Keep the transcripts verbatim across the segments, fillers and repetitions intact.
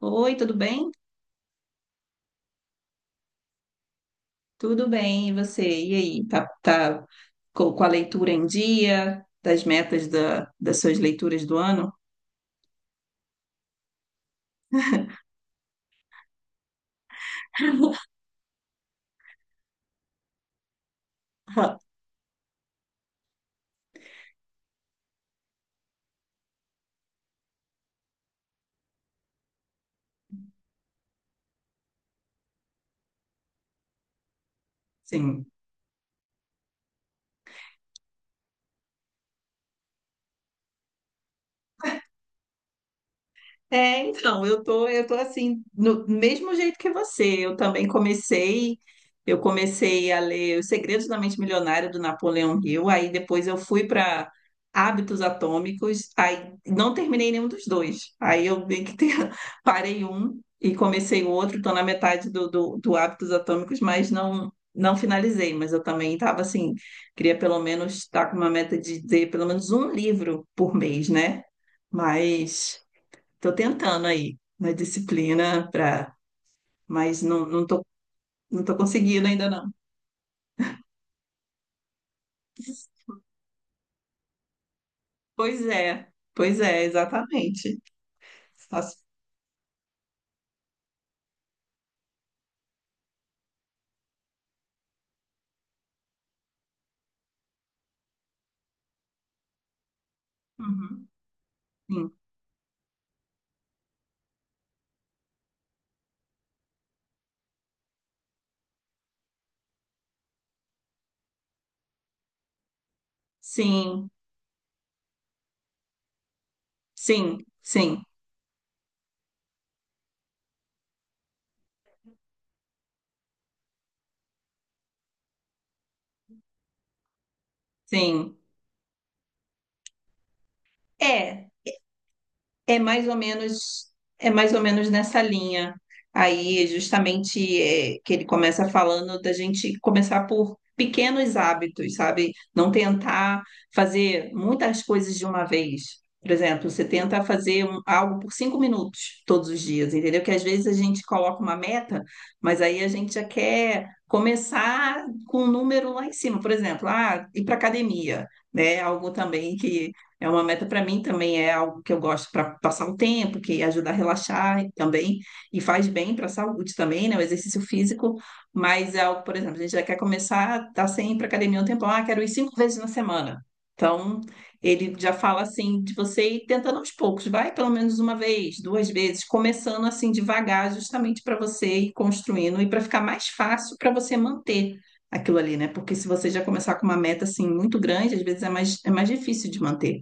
Oi, tudo bem? Tudo bem, e você? E aí, tá, tá co- com a leitura em dia, das metas da, das suas leituras do ano? Sim. É, então, eu tô, eu tô assim, no mesmo jeito que você. Eu também comecei, eu comecei a ler Os Segredos da Mente Milionária do Napoleão Hill, aí depois eu fui para Hábitos Atômicos, aí não terminei nenhum dos dois. Aí eu meio que te- parei um e comecei o outro, tô na metade do, do, do Hábitos Atômicos, mas não não finalizei, mas eu também estava assim, queria pelo menos estar com uma meta de ter pelo menos um livro por mês, né? Mas estou tentando aí uma disciplina para, mas não, não tô, não tô conseguindo ainda não. Pois é, pois é, exatamente. Faço- Uhum. Sim, sim, sim, sim, sim. É, é mais ou menos, é mais ou menos nessa linha. Aí, justamente, é, que ele começa falando da gente começar por pequenos hábitos, sabe? Não tentar fazer muitas coisas de uma vez. Por exemplo, você tenta fazer um- algo por cinco minutos todos os dias, entendeu? Que às vezes a gente coloca uma meta, mas aí a gente já quer começar com um número lá em cima. Por exemplo, ah, ir para academia, né? Algo também é uma meta para mim também, é algo que eu gosto para passar o tempo, que ajuda a relaxar também, e faz bem para a saúde também, né? O exercício físico, mas é algo, por exemplo, a gente já quer começar, tá sem ir para academia um tempão, ah, quero ir cinco vezes na semana. Então, ele já fala assim de você ir tentando aos poucos, vai pelo menos uma vez, duas vezes, começando assim devagar, justamente para você ir construindo e para ficar mais fácil para você manter aquilo ali, né? Porque se você já começar com uma meta assim muito grande, às vezes é mais, é mais difícil de manter.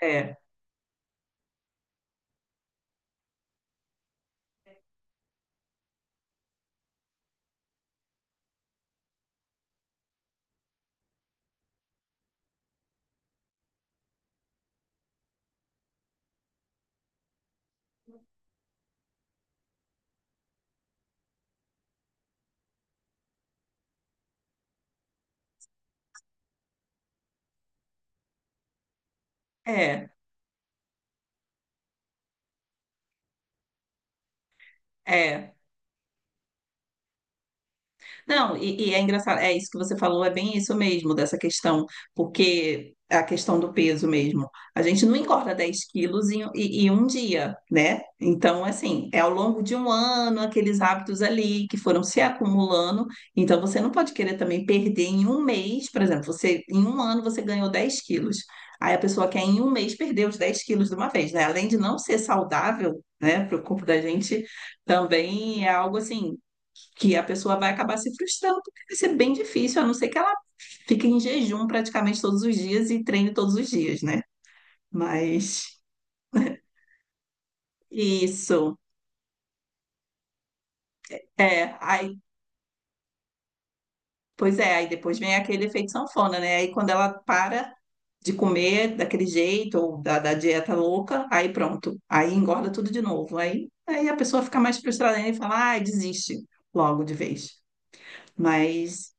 É, é, é. Não, e, e é engraçado, é isso que você falou, é bem isso mesmo, dessa questão, porque a questão do peso mesmo. A gente não engorda dez quilos em, em- em um dia, né? Então, assim, é ao longo de um ano, aqueles hábitos ali que foram se acumulando. Então, você não pode querer também perder em um mês, por exemplo, você em um ano você ganhou dez quilos. Aí a pessoa quer em um mês perder os dez quilos de uma vez, né? Além de não ser saudável, né, para o corpo da gente. Também é algo assim que a pessoa vai acabar se frustrando, porque vai ser bem difícil, a não ser que ela fique em jejum praticamente todos os dias e treine todos os dias, né? Mas isso. É, aí, pois é, aí depois vem aquele efeito sanfona, né? Aí quando ela para de comer daquele jeito ou da, da dieta louca, aí pronto, aí engorda tudo de novo. Aí, aí a pessoa fica mais frustrada ainda e fala, ai, desiste logo de vez. Mas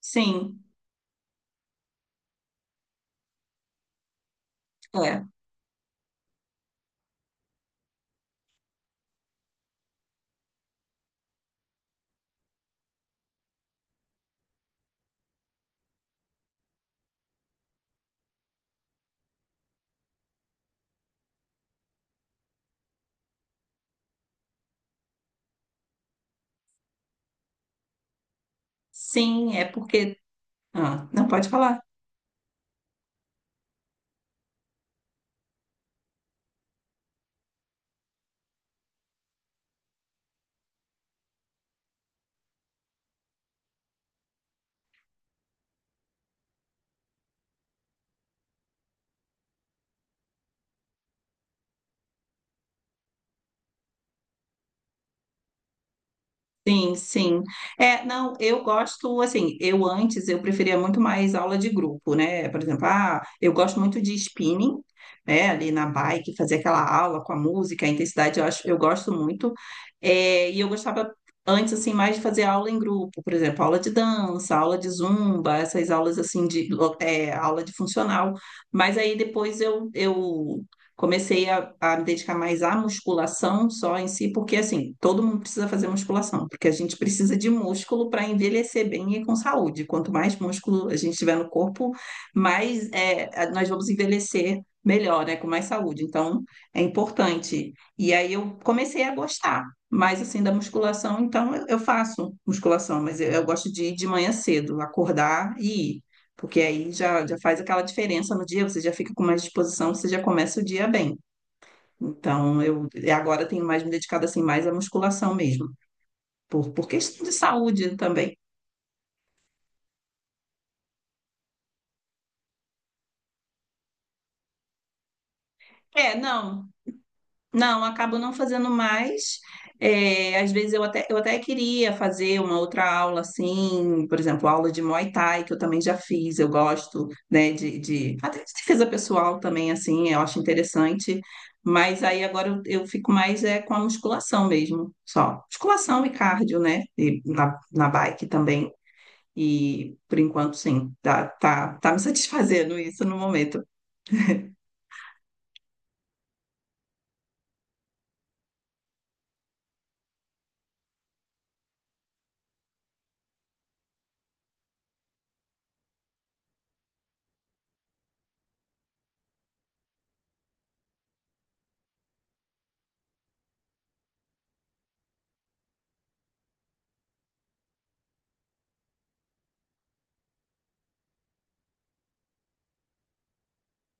sim, é. Sim, é porque. Ah, não pode falar. Sim, sim. É, não, eu gosto, assim, eu antes eu preferia muito mais aula de grupo, né? Por exemplo, ah, eu gosto muito de spinning, né? Ali na bike, fazer aquela aula com a música, a intensidade, eu acho, eu gosto muito. É, e eu gostava antes, assim, mais de fazer aula em grupo, por exemplo, aula de dança, aula de zumba, essas aulas, assim, de, lo- é, aula de funcional. Mas aí depois eu, eu comecei a, a me dedicar mais à musculação só em si, porque assim, todo mundo precisa fazer musculação, porque a gente precisa de músculo para envelhecer bem e com saúde. Quanto mais músculo a gente tiver no corpo, mais é, nós vamos envelhecer melhor, né, com mais saúde. Então, é importante. E aí eu comecei a gostar mais assim da musculação, então eu, eu faço musculação, mas eu, eu gosto de ir de manhã cedo, acordar e ir. Porque aí já, já faz aquela diferença no dia, você já fica com mais disposição, você já começa o dia bem. Então, eu e agora tenho mais me dedicado assim mais à musculação mesmo, por, por questão de saúde também. É, não, não, acabo não fazendo mais. É, às vezes eu até, eu até queria fazer uma outra aula assim, por exemplo, aula de Muay Thai, que eu também já fiz, eu gosto, né, de, de até de defesa pessoal também, assim, eu acho interessante, mas aí agora eu, eu fico mais é, com a musculação mesmo, só. Musculação e cardio, né, e na, na bike também, e por enquanto sim, tá, tá, tá me satisfazendo isso no momento.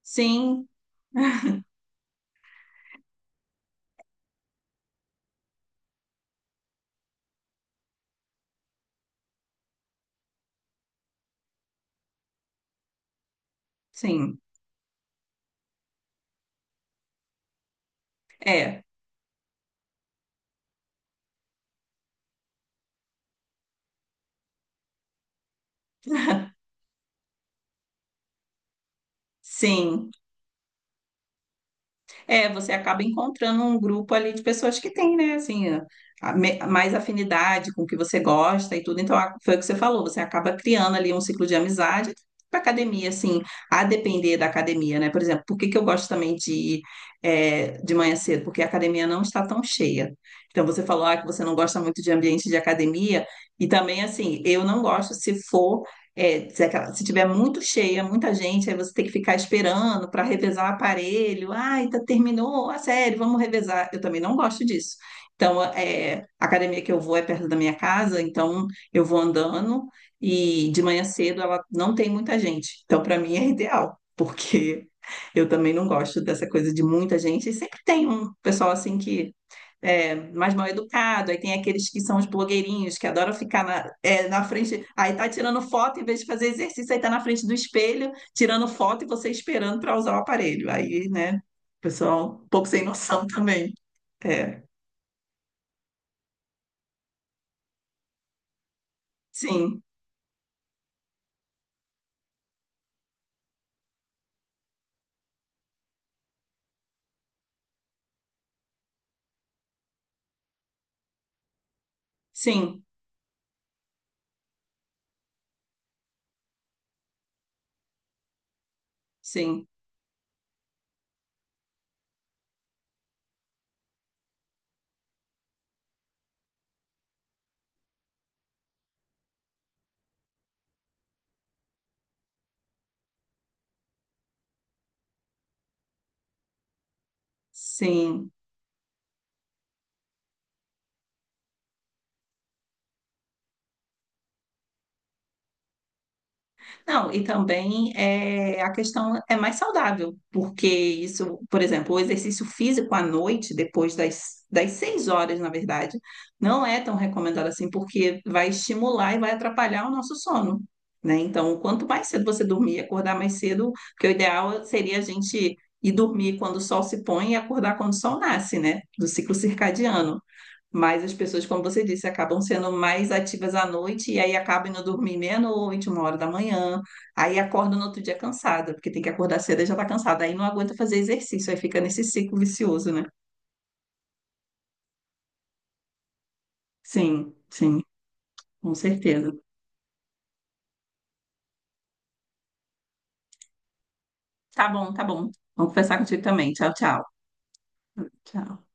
Sim, sim, é. Sim, é, você acaba encontrando um grupo ali de pessoas que têm, né, assim, a- me- mais afinidade com o que você gosta e tudo. Então, a- foi o que você falou, você acaba criando ali um ciclo de amizade para academia, assim, a depender da academia, né? Por exemplo, por que que eu gosto também de ir é, de manhã cedo? Porque a academia não está tão cheia. Então, você falou, ah, que você não gosta muito de ambiente de academia, e também, assim, eu não gosto se for. É, se, aquela- se tiver muito cheia, muita gente, aí você tem que ficar esperando para revezar o aparelho. Ai, tá, terminou a sério vamos revezar. Eu também não gosto disso. Então, é, a academia que eu vou é perto da minha casa, então eu vou andando e de manhã cedo ela não tem muita gente. Então, para mim é ideal, porque eu também não gosto dessa coisa de muita gente. E sempre tem um pessoal assim que é, mais mal educado, aí tem aqueles que são os blogueirinhos que adoram ficar na, é, na frente, aí tá tirando foto em vez de fazer exercício, aí tá na frente do espelho tirando foto e você esperando para usar o aparelho. Aí, né, pessoal, um pouco sem noção também. É, sim, sim, sim, sim. Não, e também é, a questão é mais saudável, porque isso, por exemplo, o exercício físico à noite, depois das, das seis horas, na verdade, não é tão recomendado assim, porque vai estimular e vai atrapalhar o nosso sono, né? Então, quanto mais cedo você dormir, e acordar mais cedo, porque o ideal seria a gente ir dormir quando o sol se põe e acordar quando o sol nasce, né? Do ciclo circadiano. Mas as pessoas, como você disse, acabam sendo mais ativas à noite e aí acabam indo dormir meia-noite, uma hora da manhã. Aí acorda no outro dia cansada, porque tem que acordar cedo e já está cansada. Aí não aguenta fazer exercício, aí fica nesse ciclo vicioso, né? Sim, sim, com certeza. Tá bom, tá bom. Vamos conversar contigo também. Tchau, tchau. Tchau.